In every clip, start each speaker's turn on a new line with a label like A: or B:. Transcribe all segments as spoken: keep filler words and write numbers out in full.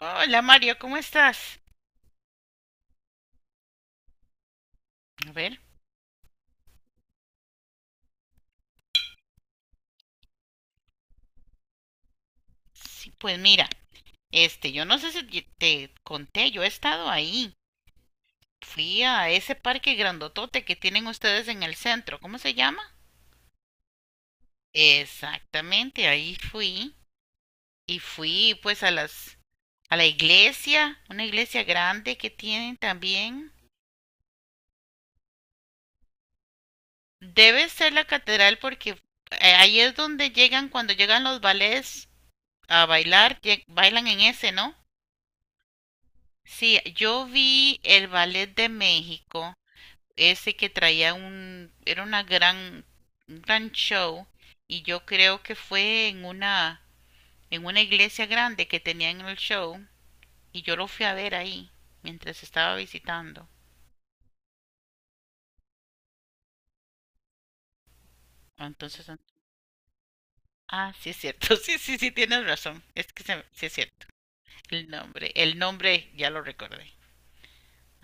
A: Hola Mario, ¿cómo estás? A ver, sí, pues mira, este, yo no sé si te- te conté, yo he estado ahí. Fui a ese parque grandotote que tienen ustedes en el centro, ¿cómo se llama? Exactamente, ahí fui y fui pues a las a la iglesia, una iglesia grande que tienen también. Debe ser la catedral porque eh, ahí es donde llegan cuando llegan los ballets a bailar, lle- bailan en ese, ¿no? Sí, yo vi el ballet de México, ese que traía un, era una gran, un gran show, y yo creo que fue en una, en una iglesia grande que tenían el show, y yo lo fui a ver ahí, mientras estaba visitando. Entonces, an- ah, sí es cierto, sí, sí, sí, tienes razón, es que se- sí es cierto. El nombre, el nombre ya lo recordé.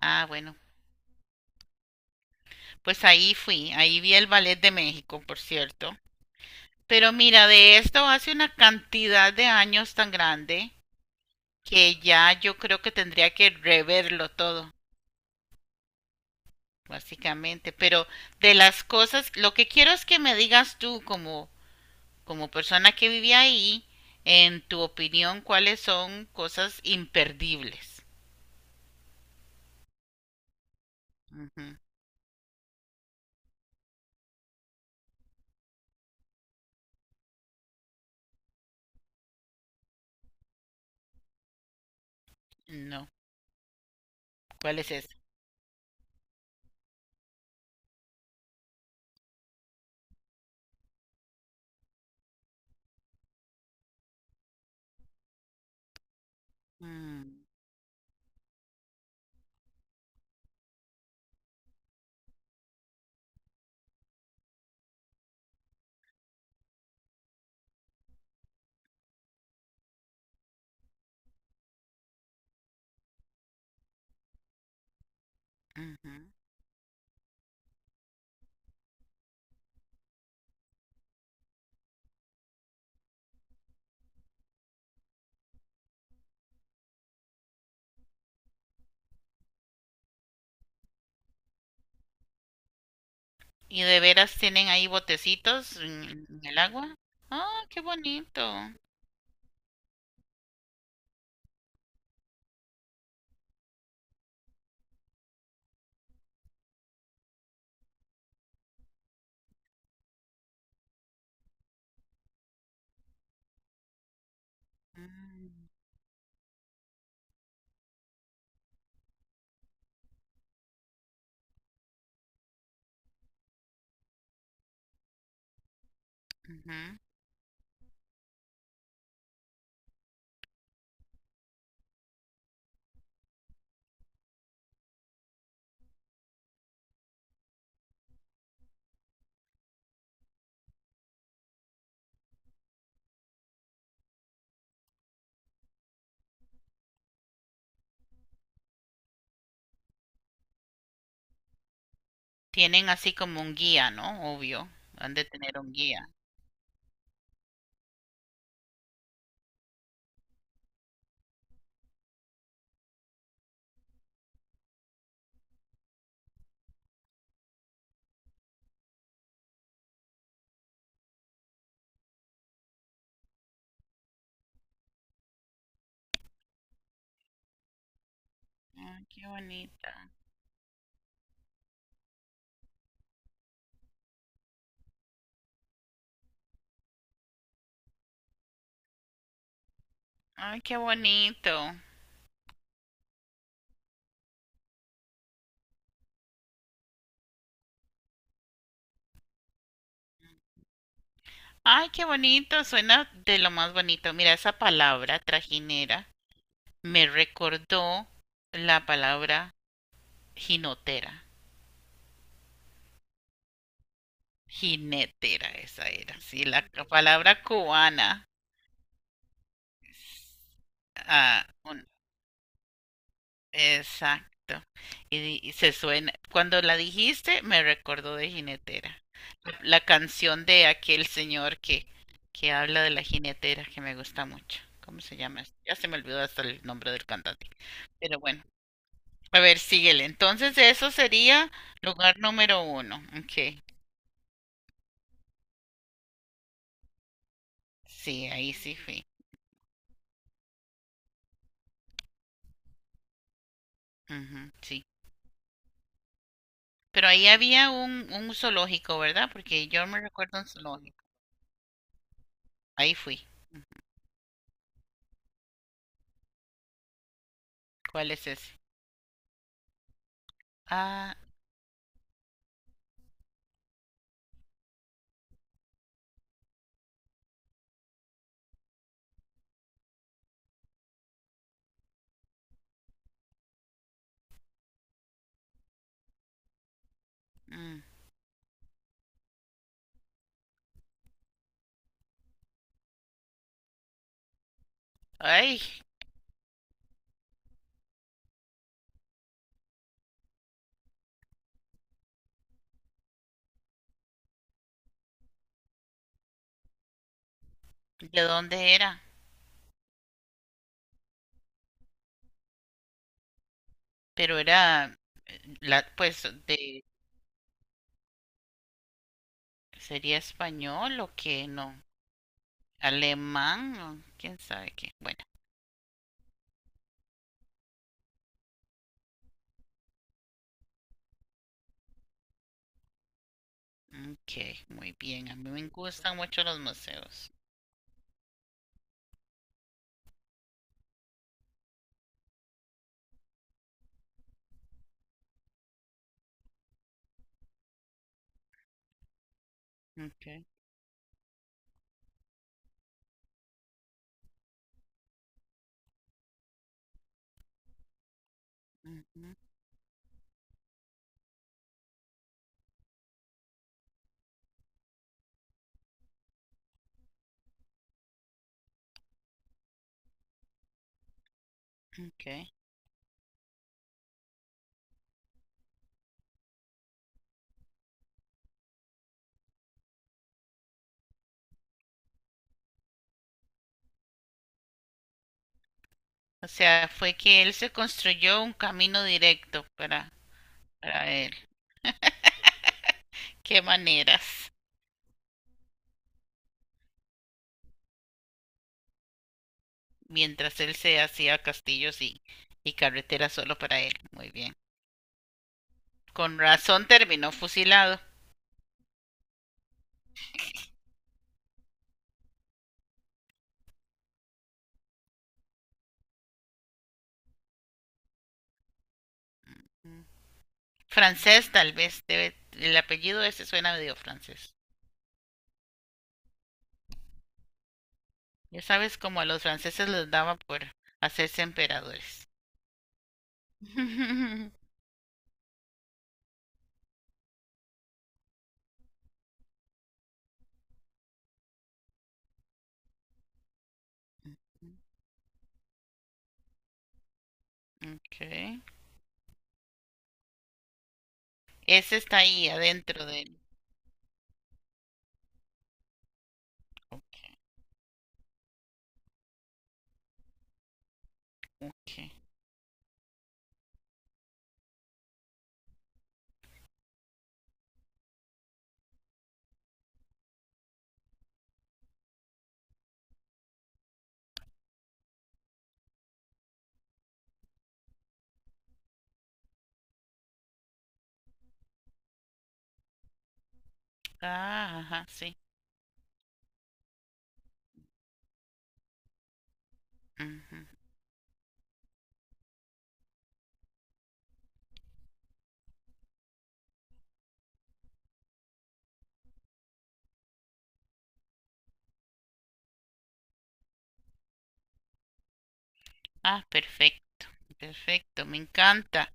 A: Ah, bueno, pues ahí fui, ahí vi el ballet de México, por cierto. Pero mira, de esto hace una cantidad de años tan grande que ya yo creo que tendría que reverlo todo, básicamente. Pero de las cosas, lo que quiero es que me digas tú como, como persona que vivía ahí, en tu opinión, cuáles son cosas imperdibles. Ujú. No, ¿cuál es esa? Mm, ujú. ¿Y de veras tienen ahí botecitos en, en el agua? ¡Ah, qué bonito! Mm, ujú. Tienen así como un guía, ¿no? Obvio, han de tener un guía. Ay, qué bonita. Ay, qué bonito. Ay, qué bonito. Suena de lo más bonito. Mira, esa palabra trajinera me recordó la palabra jinotera. Jinetera, esa era. Sí, la palabra cubana. Ah, exacto. Y, di- y se suena, cuando la dijiste, me recordó de jinetera. La, la canción de aquel señor que, que habla de la jinetera, que me gusta mucho. ¿Cómo se llama? Ya se me olvidó hasta el nombre del cantante. Pero bueno, a ver, síguele. Entonces, eso sería lugar número uno. Ok. Sí, ahí sí fui. Ujú, sí. Pero ahí había un, un zoológico, ¿verdad? Porque yo me recuerdo un zoológico. Ahí fui. ¿Cuál es ese? Ah, mm. Ay, ¿de dónde era? Pero era, la, pues, de, ¿sería español o qué? No, alemán o quién sabe qué. Bueno, ok, muy bien. A mí me gustan mucho los museos. Ok, ujú, ok. O sea, fue que él se construyó un camino directo para, para él. Qué maneras. Mientras él se hacía castillos y, y carreteras solo para él. Muy bien. Con razón terminó fusilado. Francés, tal vez. Debe, el apellido ese suena medio francés. Ya sabes, como a los franceses les daba por hacerse emperadores. Ok. Ese está ahí adentro de él. Ok. Ok. Ah, ajá, sí. Ujú. Ah, perfecto. Perfecto, me encanta.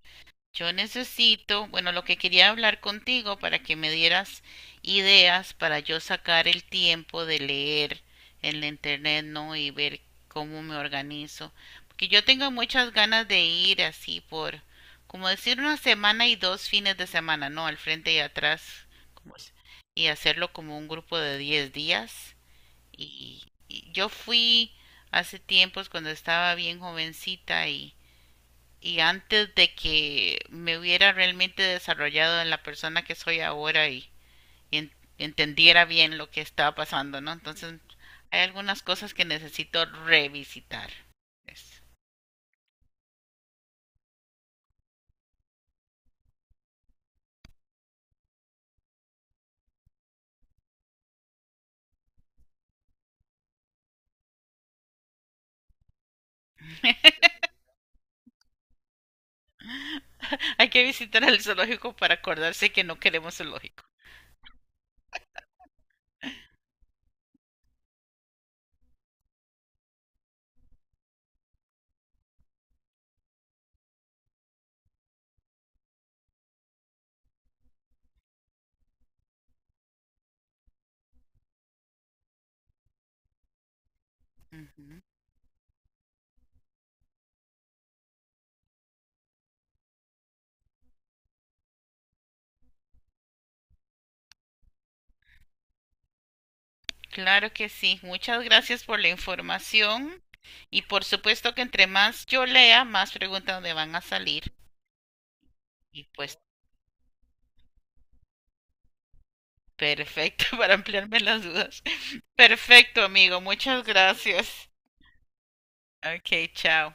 A: Yo necesito, bueno, lo que quería hablar contigo para que me dieras ideas para yo sacar el tiempo de leer en la internet, ¿no? Y ver cómo me organizo. Porque yo tengo muchas ganas de ir así por, como decir, una semana y dos fines de semana, ¿no? Al frente y atrás, como es- y hacerlo como un grupo de diez días. Y, y yo fui hace tiempos cuando estaba bien jovencita y antes de que me hubiera realmente desarrollado en la persona que soy ahora y, y en- entendiera bien lo que estaba pasando, ¿no? Entonces, hay algunas cosas que necesito revisitar. Es- Hay que visitar el zoológico para acordarse que no queremos zoológico. Ujú. Claro que sí. Muchas gracias por la información y por supuesto que entre más yo lea, más preguntas me van a salir. Y pues perfecto para ampliarme las dudas. Perfecto, amigo. Muchas gracias. Ok, chao.